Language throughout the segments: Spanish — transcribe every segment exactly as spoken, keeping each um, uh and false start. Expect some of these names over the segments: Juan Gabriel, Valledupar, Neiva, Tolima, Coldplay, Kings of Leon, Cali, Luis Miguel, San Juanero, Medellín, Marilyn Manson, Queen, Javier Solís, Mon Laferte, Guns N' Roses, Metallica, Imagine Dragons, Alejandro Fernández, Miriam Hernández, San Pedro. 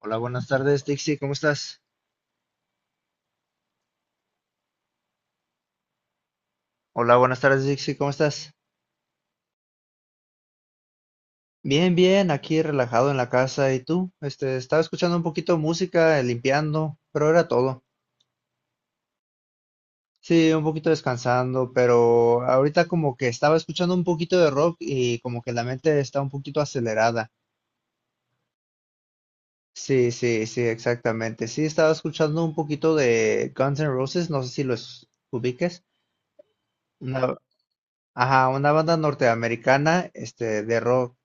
Hola, buenas tardes, Dixie, ¿cómo estás? Hola, buenas tardes, Dixie, ¿cómo estás? Bien, bien, aquí relajado en la casa. ¿Y tú? Este, estaba escuchando un poquito de música, eh, limpiando, pero era todo. Sí, un poquito descansando, pero ahorita como que estaba escuchando un poquito de rock y como que la mente está un poquito acelerada. Sí, sí, sí, exactamente. Sí, estaba escuchando un poquito de Guns N' Roses, no sé si los ubiques. Una, ajá, una banda norteamericana, este, de rock.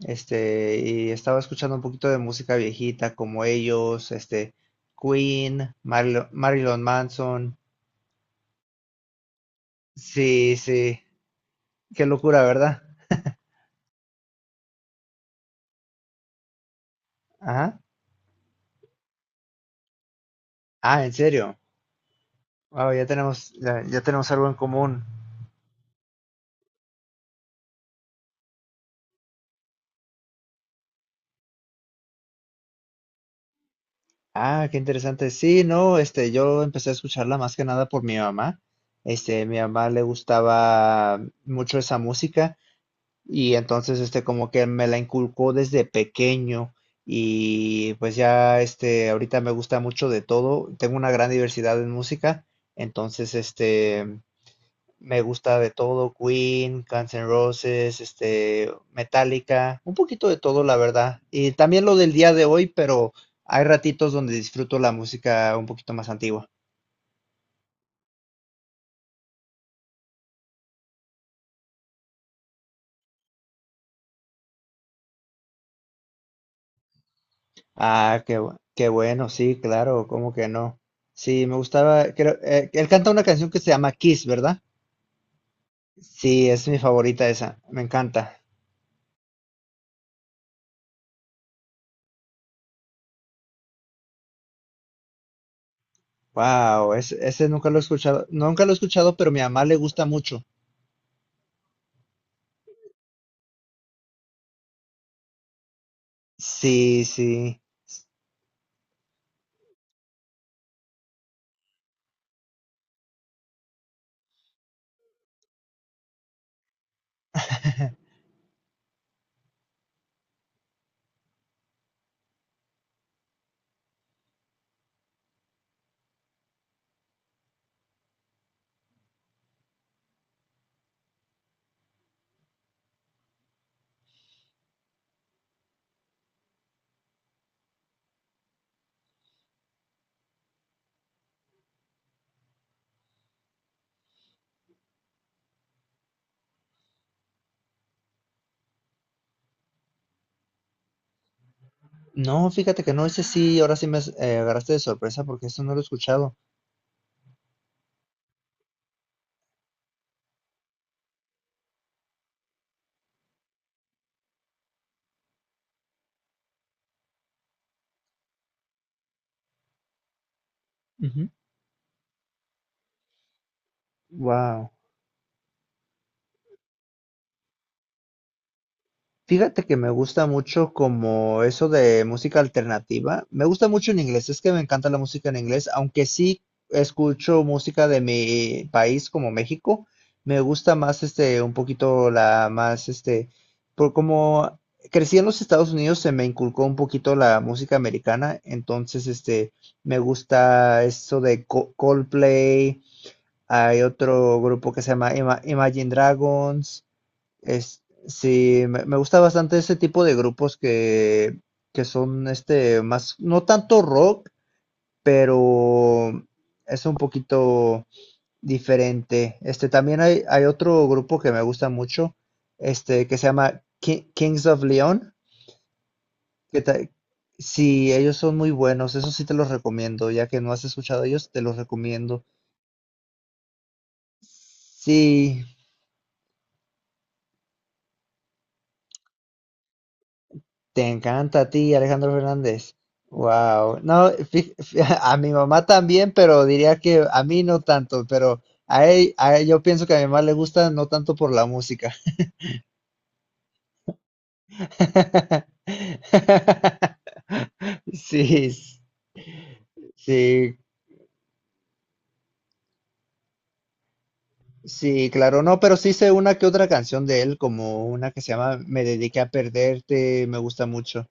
Este, y estaba escuchando un poquito de música viejita como ellos, este, Queen, Marlo- Marilyn Manson. Sí, sí, qué locura, ¿verdad? Ajá. Ah, ¿en serio? Wow, ya tenemos, ya, ya tenemos algo en común. Ah, qué interesante. Sí, no, este, yo empecé a escucharla más que nada por mi mamá. Este, mi mamá le gustaba mucho esa música. Y entonces, este, como que me la inculcó desde pequeño y pues ya, este, ahorita me gusta mucho de todo. Tengo una gran diversidad en música, entonces, este, me gusta de todo: Queen, Guns N' Roses, este, Metallica, un poquito de todo, la verdad. Y también lo del día de hoy, pero hay ratitos donde disfruto la música un poquito más antigua. Ah, qué, bu- qué bueno, sí, claro, ¿cómo que no? Sí, me gustaba, creo, eh, él canta una canción que se llama Kiss, ¿verdad? Sí, es mi favorita esa, me encanta. Wow, ese, ese nunca lo he escuchado, nunca lo he escuchado, pero a mi mamá le gusta mucho. Sí, sí. No, fíjate que no, ese sí, ahora sí me eh, agarraste de sorpresa porque esto no lo he escuchado. Wow. Fíjate que me gusta mucho como eso de música alternativa. Me gusta mucho en inglés, es que me encanta la música en inglés, aunque sí escucho música de mi país como México. Me gusta más este un poquito la más este por como crecí en los Estados Unidos se me inculcó un poquito la música americana, entonces este me gusta eso de Co- Coldplay, hay otro grupo que se llama Ima- Imagine Dragons. Es, sí, me, me gusta bastante ese tipo de grupos que, que son este más, no tanto rock, pero es un poquito diferente. Este también hay, hay otro grupo que me gusta mucho, este, que se llama Ki- Kings of Leon, que ta- sí, ellos son muy buenos, eso sí te los recomiendo, ya que no has escuchado ellos, te los recomiendo. Sí. Te encanta a ti, Alejandro Fernández. Wow. No, fí- fí- a mi mamá también, pero diría que a mí no tanto, pero a él, a él- yo pienso que a mi mamá le gusta no tanto por la música. Sí, s- sí, sí, claro, no, pero sí sé una que otra canción de él, como una que se llama Me dediqué a perderte, me gusta mucho.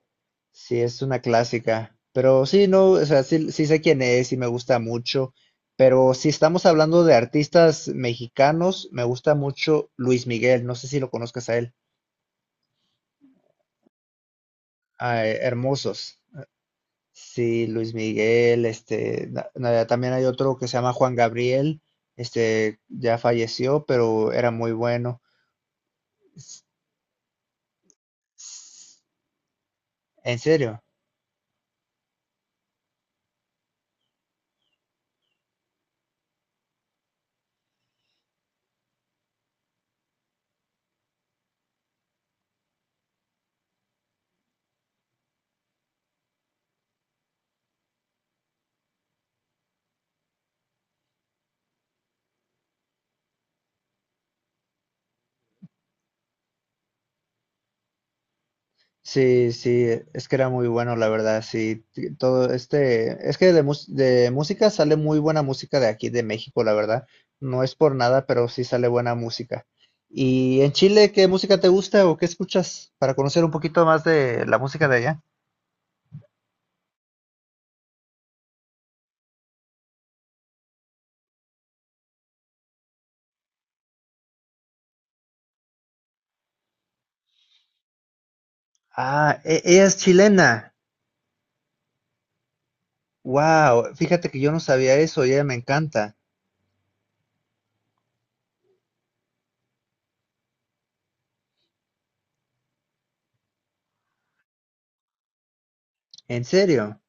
Sí, es una clásica. Pero sí, no, o sea, sí, sí sé quién es y me gusta mucho. Pero si estamos hablando de artistas mexicanos, me gusta mucho Luis Miguel. No sé si lo conozcas a él. Ah, eh, hermosos. Sí, Luis Miguel, este, na- na- también hay otro que se llama Juan Gabriel, este, ya falleció, pero era muy bueno. S- s- ¿En serio? Sí, sí, es que era muy bueno, la verdad, sí, t- todo este, es que de, mus- de música sale muy buena música de aquí, de México, la verdad, no es por nada, pero sí sale buena música. ¿Y en Chile qué música te gusta o qué escuchas para conocer un poquito más de la música de allá? Ah, e- ella es chilena, wow, fíjate que yo no sabía eso y ella me encanta, ¿en serio?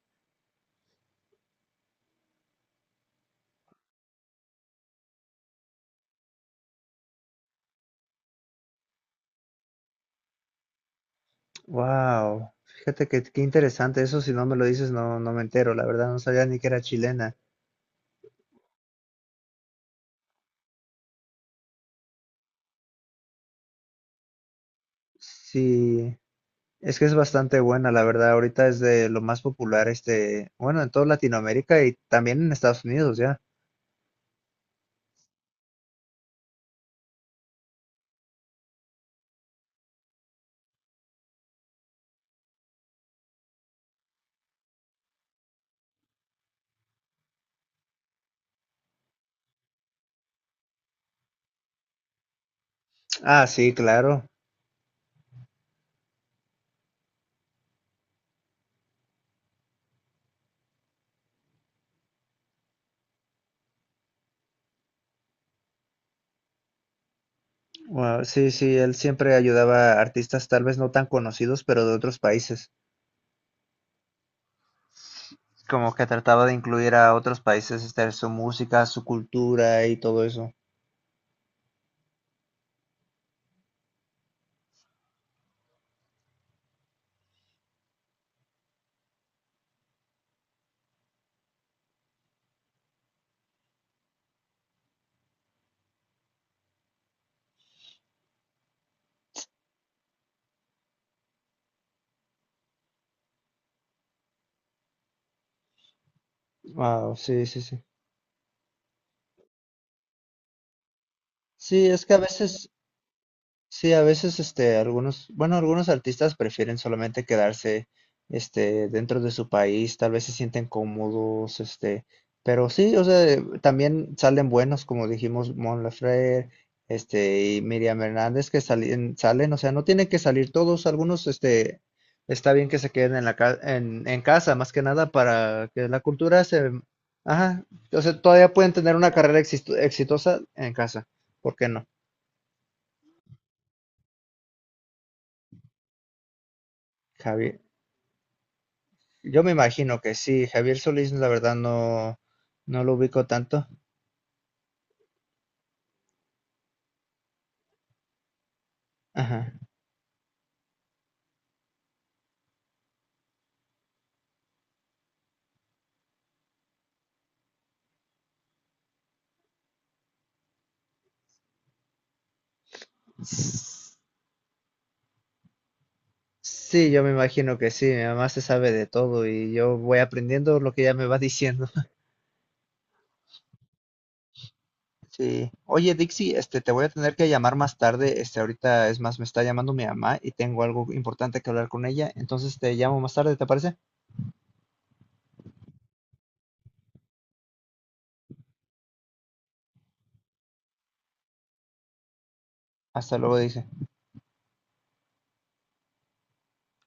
Wow, fíjate que qué interesante, eso si no me lo dices no, no me entero, la verdad, no sabía ni que era chilena. Sí, es que es bastante buena, la verdad. Ahorita es de lo más popular, este, bueno, en toda Latinoamérica y también en Estados Unidos ya. Ah, sí, claro. Wow, sí, sí, él siempre ayudaba a artistas tal vez no tan conocidos, pero de otros países. Como que trataba de incluir a otros países, este, su música, su cultura y todo eso. Wow, sí, sí, sí. Sí, es que a veces sí, a veces, este, algunos, bueno, algunos artistas prefieren solamente quedarse, este, dentro de su país, tal vez se sienten cómodos, este, pero sí, o sea, eh, también salen buenos, como dijimos, Mon Laferte, este, y Miriam Hernández, que salen, salen, o sea, no tienen que salir todos, algunos, este, está bien que se queden en la ca- en, en casa, más que nada para que la cultura se, ajá, o sea, todavía pueden tener una carrera exist- exitosa en casa, ¿por qué no? Javier. Yo me imagino que sí, Javier Solís la verdad no, no lo ubico tanto. Ajá. S- sí, yo me imagino que sí, mi mamá se sabe de todo y yo voy aprendiendo lo que ella me va diciendo. Sí. Oye, Dixie, este, te voy a tener que llamar más tarde. Este, ahorita es más, me está llamando mi mamá y tengo algo importante que hablar con ella. Entonces te llamo más tarde, ¿te parece? Hasta luego, dice.